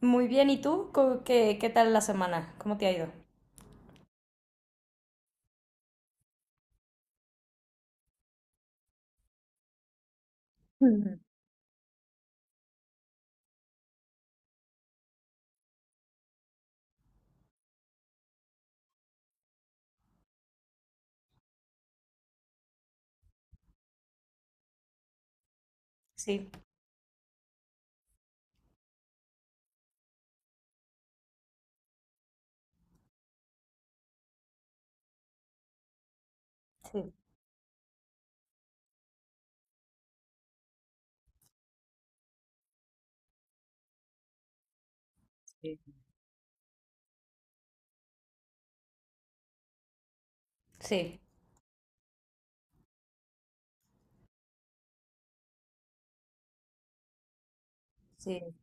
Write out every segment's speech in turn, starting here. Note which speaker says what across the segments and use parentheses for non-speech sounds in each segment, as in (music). Speaker 1: Muy bien, ¿y tú? ¿Qué tal la semana? ¿Cómo te ha ido? Mm. Sí, sí, sí. Sí, sí.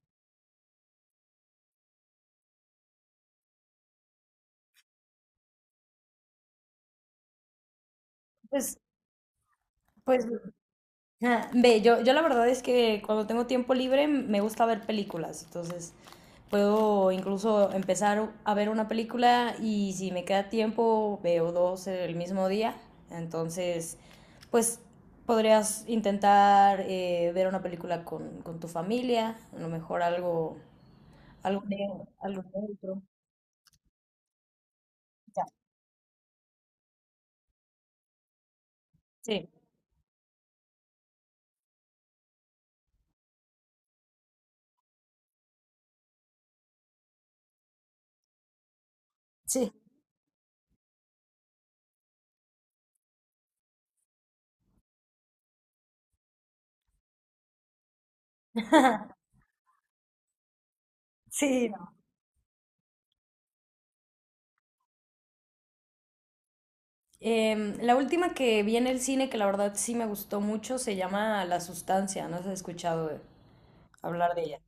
Speaker 1: Pues, pues, ve, yo la verdad es que cuando tengo tiempo libre me gusta ver películas, entonces puedo incluso empezar a ver una película y si me queda tiempo veo dos el mismo día. Entonces, pues podrías intentar ver una película con tu familia, a lo mejor algo, algo, ne- algo neutro. Ya. Sí, sí, sí, no. La última que vi en el cine, que la verdad sí me gustó mucho, se llama La Sustancia. No si has escuchado hablar de ella.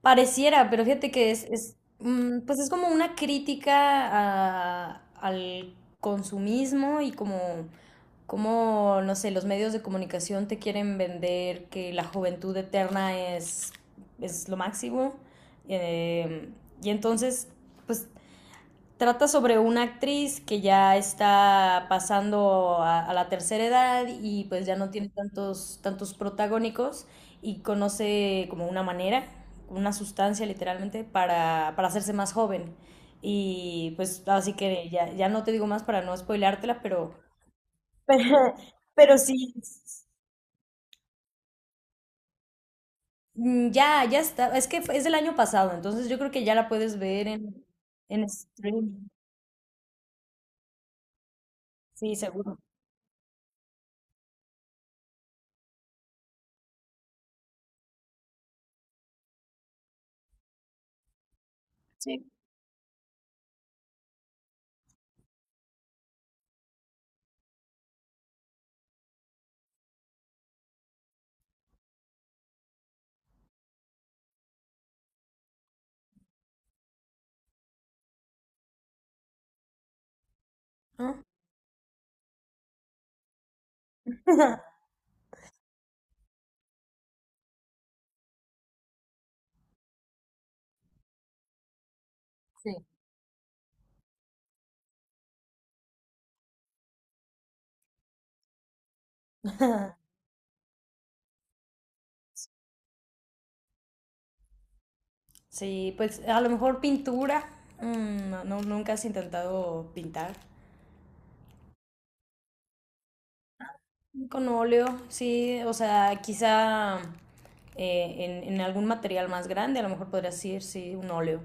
Speaker 1: Pareciera, pero fíjate que es, pues es como una crítica al consumismo y como, no sé, los medios de comunicación te quieren vender que la juventud eterna es lo máximo. Em, y entonces, pues trata sobre una actriz que ya está pasando a la tercera edad y pues ya no tiene tantos, tantos protagónicos y conoce como una manera, una sustancia literalmente para hacerse más joven. Y pues así que ya, ya no te digo más para no spoileártela, pero... (laughs) pero, pero sí, ya, ya está. Es que es del año pasado, entonces yo creo que ya la puedes ver en streaming. Sí, seguro. Sí. Ah. (laughs) Sí. (laughs) Sí, pues a lo mejor pintura. No, nunca has intentado pintar con óleo, sí, o sea, quizá eh, en algún material más grande, a lo mejor podrías ir, sí, un óleo.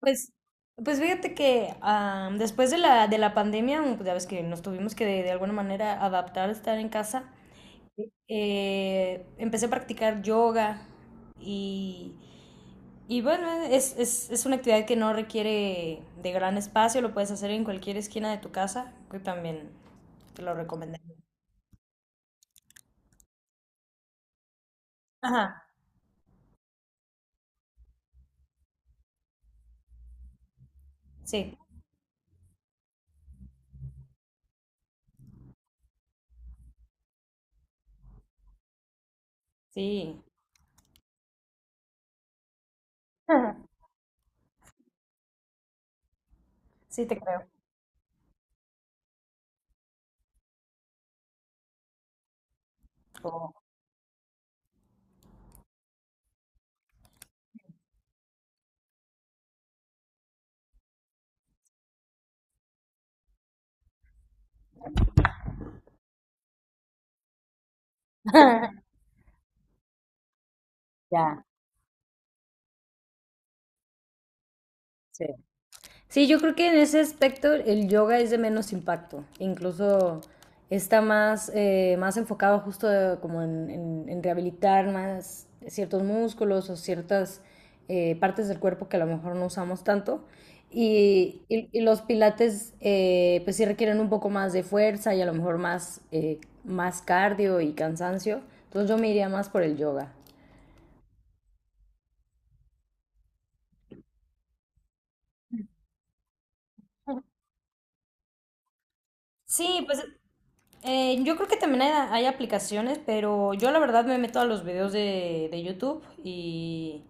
Speaker 1: Pues, pues, fíjate que después de la pandemia, pues ya ves que nos tuvimos que de alguna manera adaptar a estar en casa. Empecé a practicar yoga y Y bueno, es una actividad que no requiere de gran espacio, lo puedes hacer en cualquier esquina de tu casa, que también te lo recomendaría. Ajá, sí, sí. (laughs) Sí, te creo. Oh. (laughs) Ya, sí. Sí, yo creo que en ese aspecto el yoga es de menos impacto, incluso está más, más enfocado justo como en rehabilitar más ciertos músculos o ciertas partes del cuerpo que a lo mejor no usamos tanto. Y los pilates pues sí requieren un poco más de fuerza y a lo mejor más, más cardio y cansancio. Entonces yo me iría más por el yoga. Sí, pues yo creo que también hay aplicaciones, pero yo la verdad me meto a los videos de YouTube y,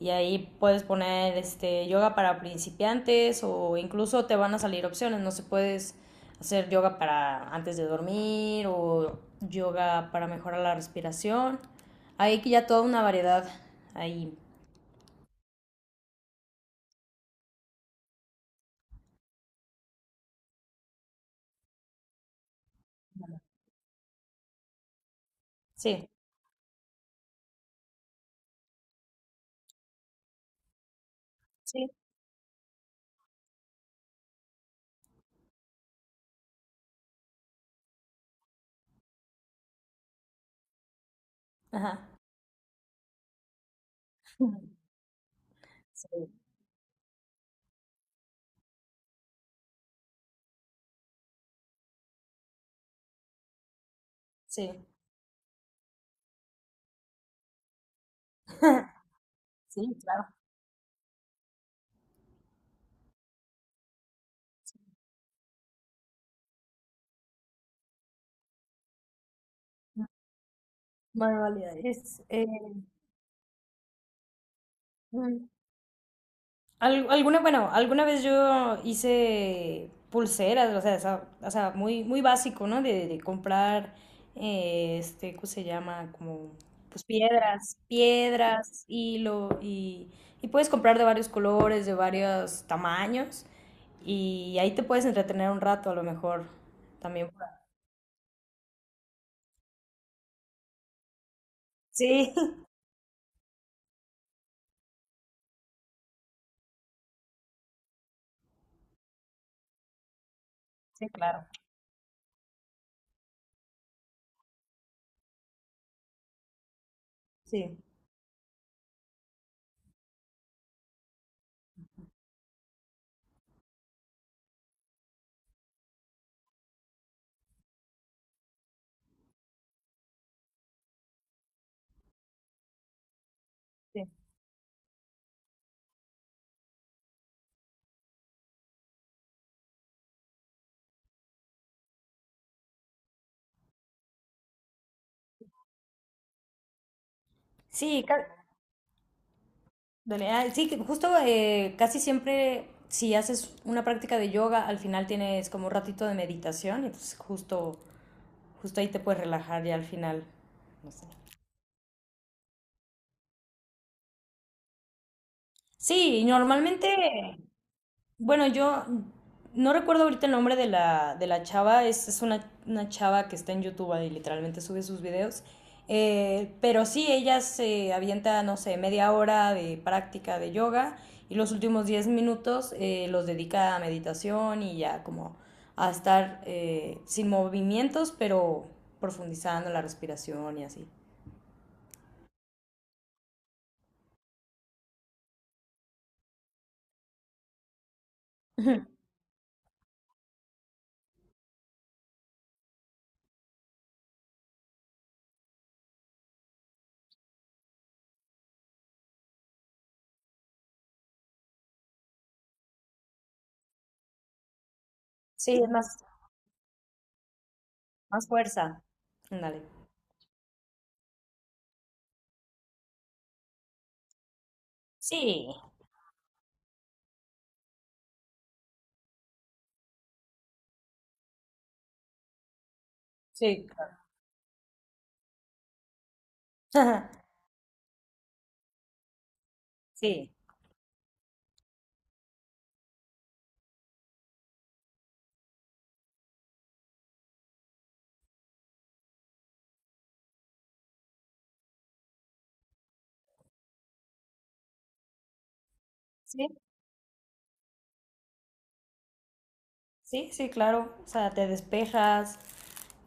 Speaker 1: y ahí puedes poner este yoga para principiantes o incluso te van a salir opciones, no se puedes hacer yoga para antes de dormir o yoga para mejorar la respiración. Hay que ya toda una variedad ahí. Sí. Sí. Ajá. (laughs) Sí. Sí. (laughs) Sí, claro. Manualidades. Alguna, bueno, alguna vez yo hice pulseras, o sea, o sea, muy, muy básico, ¿no? De comprar, este, ¿cómo se llama? Como, pues piedras, piedras, hilo, y puedes comprar de varios colores, de varios tamaños, y ahí te puedes entretener un rato, a lo mejor. También, por sí. (laughs) Sí, claro, sí, sí. Sí. Dale, ah, sí, que justo casi siempre si haces una práctica de yoga, al final tienes como un ratito de meditación y pues justo, justo ahí te puedes relajar ya al final. No sé. Sí, y normalmente... Bueno, yo no recuerdo ahorita el nombre de la chava, es una chava que está en YouTube y literalmente sube sus videos, pero sí, ella se avienta, no sé, media hora de práctica de yoga y los últimos 10 minutos los dedica a meditación y ya como a estar sin movimientos, pero profundizando la respiración y así. Sí, es más, más fuerza. Ándale. Sí, sí, claro. (laughs) Sí, sí. Sí, sí, claro. O sea, te despejas,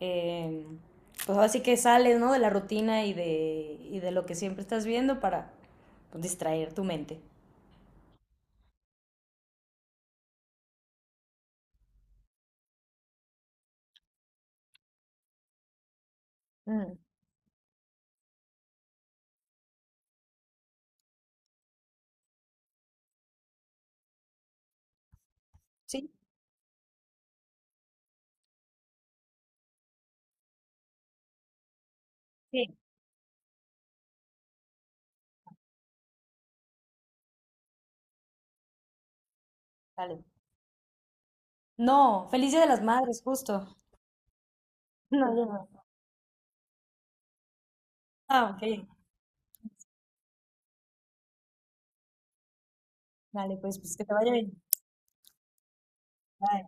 Speaker 1: eh, pues así que sales, ¿no? De la rutina y de lo que siempre estás viendo para, pues, distraer tu mente. Mm. Sí, sí, dale. No, feliz Día de las Madres, justo. (laughs) No, yo no. Ah, ok. Dale, pues que te vaya bien. Bye.